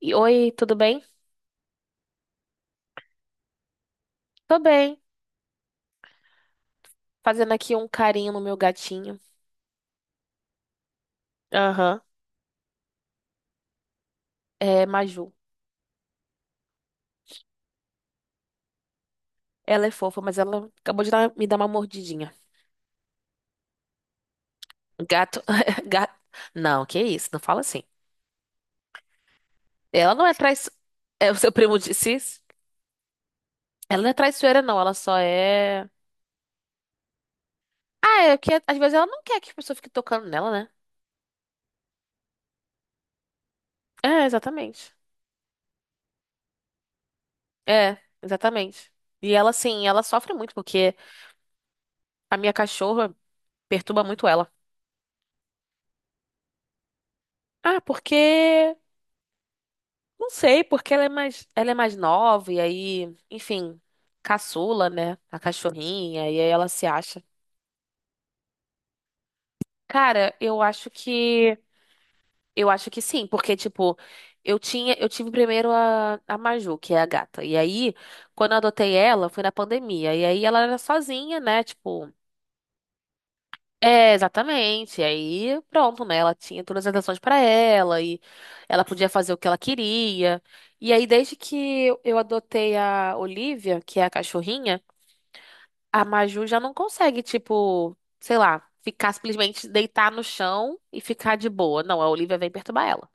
Oi, tudo bem? Tô bem. Fazendo aqui um carinho no meu gatinho. Aham. É Maju. Ela é fofa, mas ela acabou de me dar uma mordidinha. Gato. Gato. Não, que isso, não fala assim. Ela não é traiçoeira. É, o seu primo disse isso? Ela não é traiçoeira, não. Ela só é. Ah, é que às vezes ela não quer que as pessoas fiquem tocando nela, né? É, exatamente. É, exatamente. E ela, assim, ela sofre muito porque a minha cachorra perturba muito ela. Ah, porque. Não sei, porque ela é mais nova e aí, enfim, caçula, né? A cachorrinha, e aí ela se acha. Cara, eu acho que sim, porque tipo, eu tive primeiro a Maju, que é a gata. E aí, quando eu adotei ela, foi na pandemia. E aí ela era sozinha, né? Tipo, É, exatamente. Aí, pronto, né? Ela tinha todas as atenções pra ela e ela podia fazer o que ela queria. E aí, desde que eu adotei a Olivia, que é a cachorrinha, a Maju já não consegue, tipo, sei lá, ficar simplesmente deitar no chão e ficar de boa. Não, a Olivia vem perturbar ela.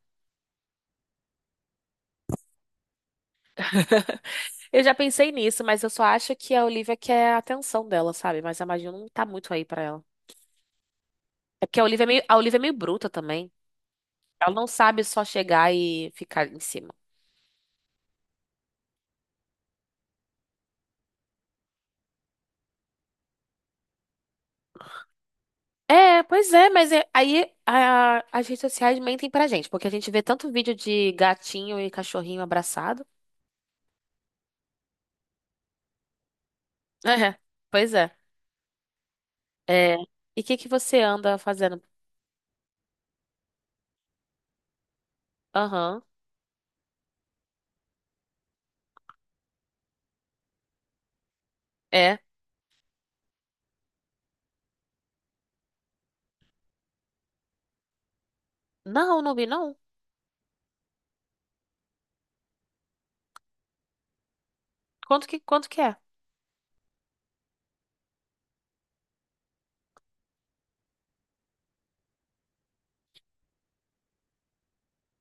Eu já pensei nisso, mas eu só acho que a Olivia quer a atenção dela, sabe? Mas a Maju não tá muito aí pra ela. É porque a Olivia é meio bruta também. Ela não sabe só chegar e ficar em cima. É, pois é, mas aí as redes sociais mentem pra gente, porque a gente vê tanto vídeo de gatinho e cachorrinho abraçado. É, pois é. É. E o que que você anda fazendo? Aham, é. Não, não vi, não. Quanto que é?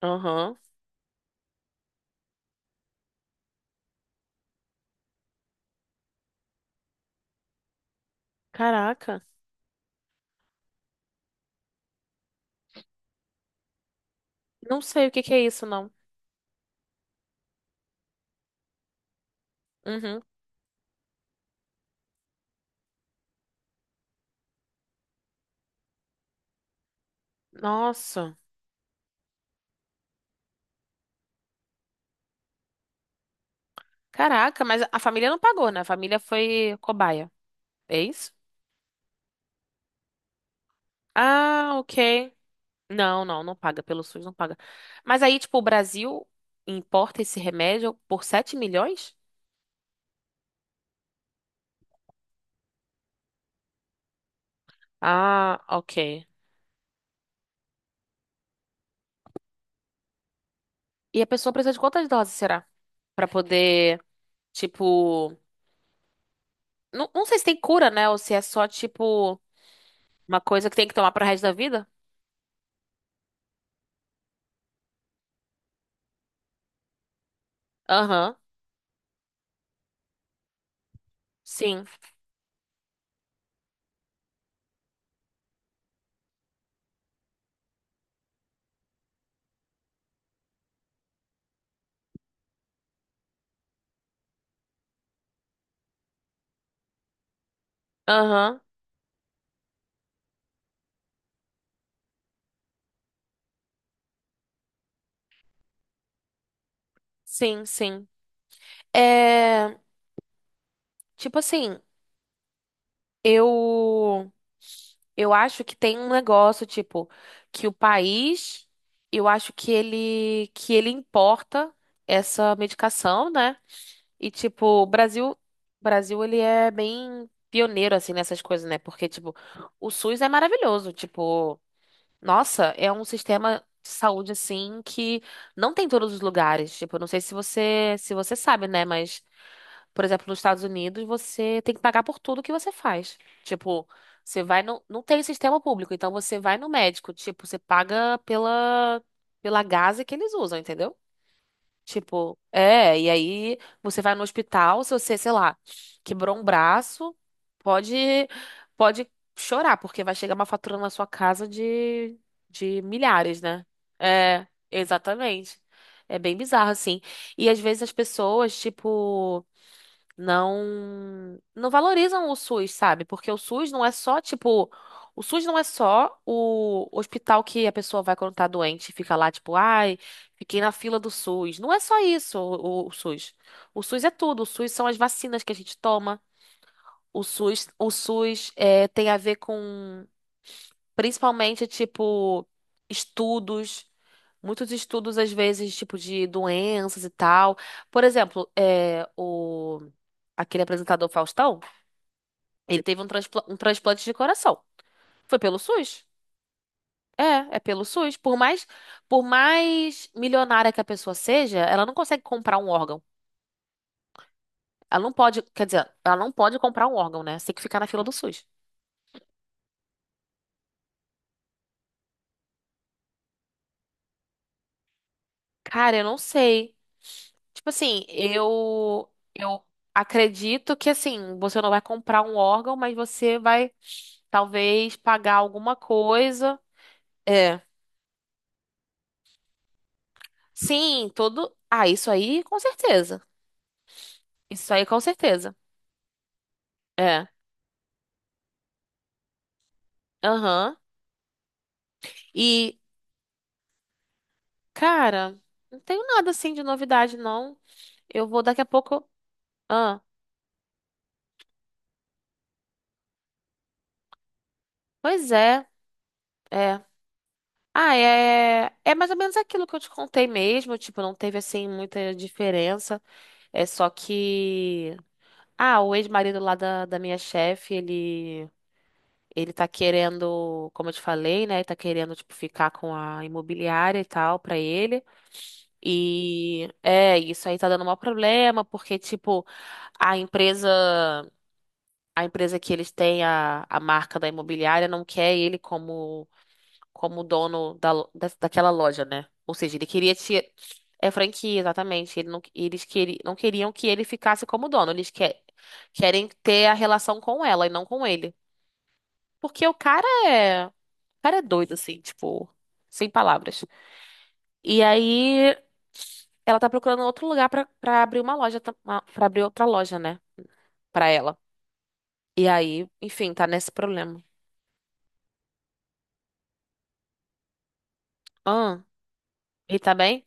Aham. Caraca. Não sei o que que é isso, não. Uhum. Nossa. Caraca, mas a família não pagou, né? A família foi cobaia. É isso? Ah, ok. Não, não, não paga. Pelo SUS não paga. Mas aí, tipo, o Brasil importa esse remédio por 7 milhões? Ah, ok. E a pessoa precisa de quantas doses, será? Pra poder, tipo. Não, não sei se tem cura, né? Ou se é só, tipo, uma coisa que tem que tomar pro resto da vida? Aham, sim. Aham, sim, sim. É. Tipo assim. Eu eu acho que tem um negócio tipo que o país, eu acho que ele importa essa medicação, né? E tipo, o Brasil ele é bem pioneiro assim nessas coisas, né? Porque tipo, o SUS é maravilhoso, tipo, nossa, é um sistema de saúde assim que não tem em todos os lugares. Tipo, eu não sei se você sabe, né, mas por exemplo, nos Estados Unidos, você tem que pagar por tudo que você faz. Tipo, você vai no. Não tem sistema público, então você vai no médico. Tipo, você paga pela gase que eles usam, entendeu? Tipo, é, e aí você vai no hospital, se você, sei lá, quebrou um braço, pode, pode chorar, porque vai chegar uma fatura na sua casa de milhares, né? É, exatamente. É bem bizarro, assim. E às vezes as pessoas, tipo não valorizam o SUS, sabe? Porque o SUS não é só, tipo, o SUS não é só o hospital que a pessoa vai quando tá doente e fica lá, tipo, ai, fiquei na fila do SUS. Não é só isso, o SUS. O SUS é tudo. O SUS são as vacinas que a gente toma. O SUS é, tem a ver com, principalmente, tipo, estudos. Muitos estudos, às vezes, tipo, de doenças e tal. Por exemplo, é, o, aquele apresentador Faustão, ele teve um transplante de coração. Foi pelo SUS? É pelo SUS. Por mais milionária que a pessoa seja, ela não consegue comprar um órgão. Ela não pode, quer dizer, ela não pode comprar um órgão, né? Você tem que ficar na fila do SUS. Cara, eu não sei. Tipo assim, eu acredito que assim, você não vai comprar um órgão, mas você vai talvez pagar alguma coisa. É. Sim, todo. Ah, isso aí com certeza. Isso aí com certeza. É. Aham. E, cara, não tenho nada assim de novidade, não. Eu vou daqui a pouco. Ah, pois é, é. Ah, é, é mais ou menos aquilo que eu te contei mesmo. Tipo, não teve assim muita diferença. É só que. Ah, o ex-marido lá da minha chefe, ele. Ele tá querendo, como eu te falei, né? Ele tá querendo, tipo, ficar com a imobiliária e tal pra ele. E é, isso aí tá dando um maior problema, porque, tipo, a empresa. A empresa que eles têm, a marca da imobiliária, não quer ele como dono daquela loja, né? Ou seja, ele queria tirar. É franquia, exatamente. Ele não, eles queri, Não queriam que ele ficasse como dono. Eles querem ter a relação com ela e não com ele. Porque o cara é. O cara é doido, assim, tipo, sem palavras. E aí, ela tá procurando outro lugar pra abrir uma loja, pra abrir outra loja, né? Pra ela. E aí, enfim, tá nesse problema. E tá bem?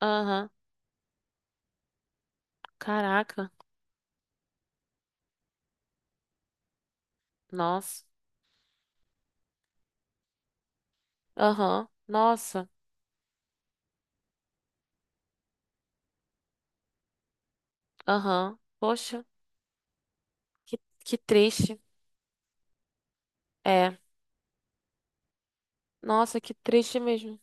Aham. Caraca. Nossa. Aham. Nossa. Aham. Poxa. Que, que triste. É. Nossa, que triste mesmo.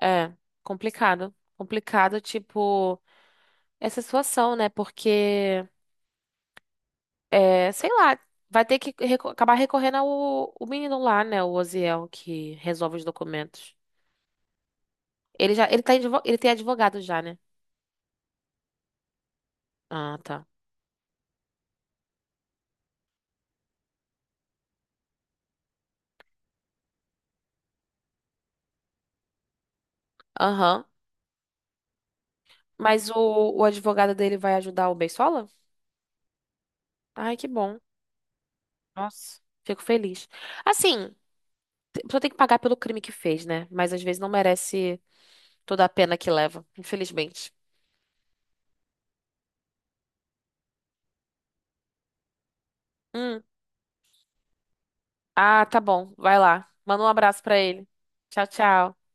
É. Complicado. Complicado, tipo, essa situação, né? Porque, é, sei lá, vai ter que acabar recorrendo ao o menino lá, né? O Oziel, que resolve os documentos. Ele tem advogado já, né? Ah, tá. Aham. Mas o advogado dele vai ajudar o Beisola? Ai, que bom. Nossa, fico feliz. Assim, a pessoa tem que pagar pelo crime que fez, né? Mas às vezes não merece toda a pena que leva, infelizmente. Hum. Ah, tá bom. Vai lá. Manda um abraço pra ele. Tchau, tchau.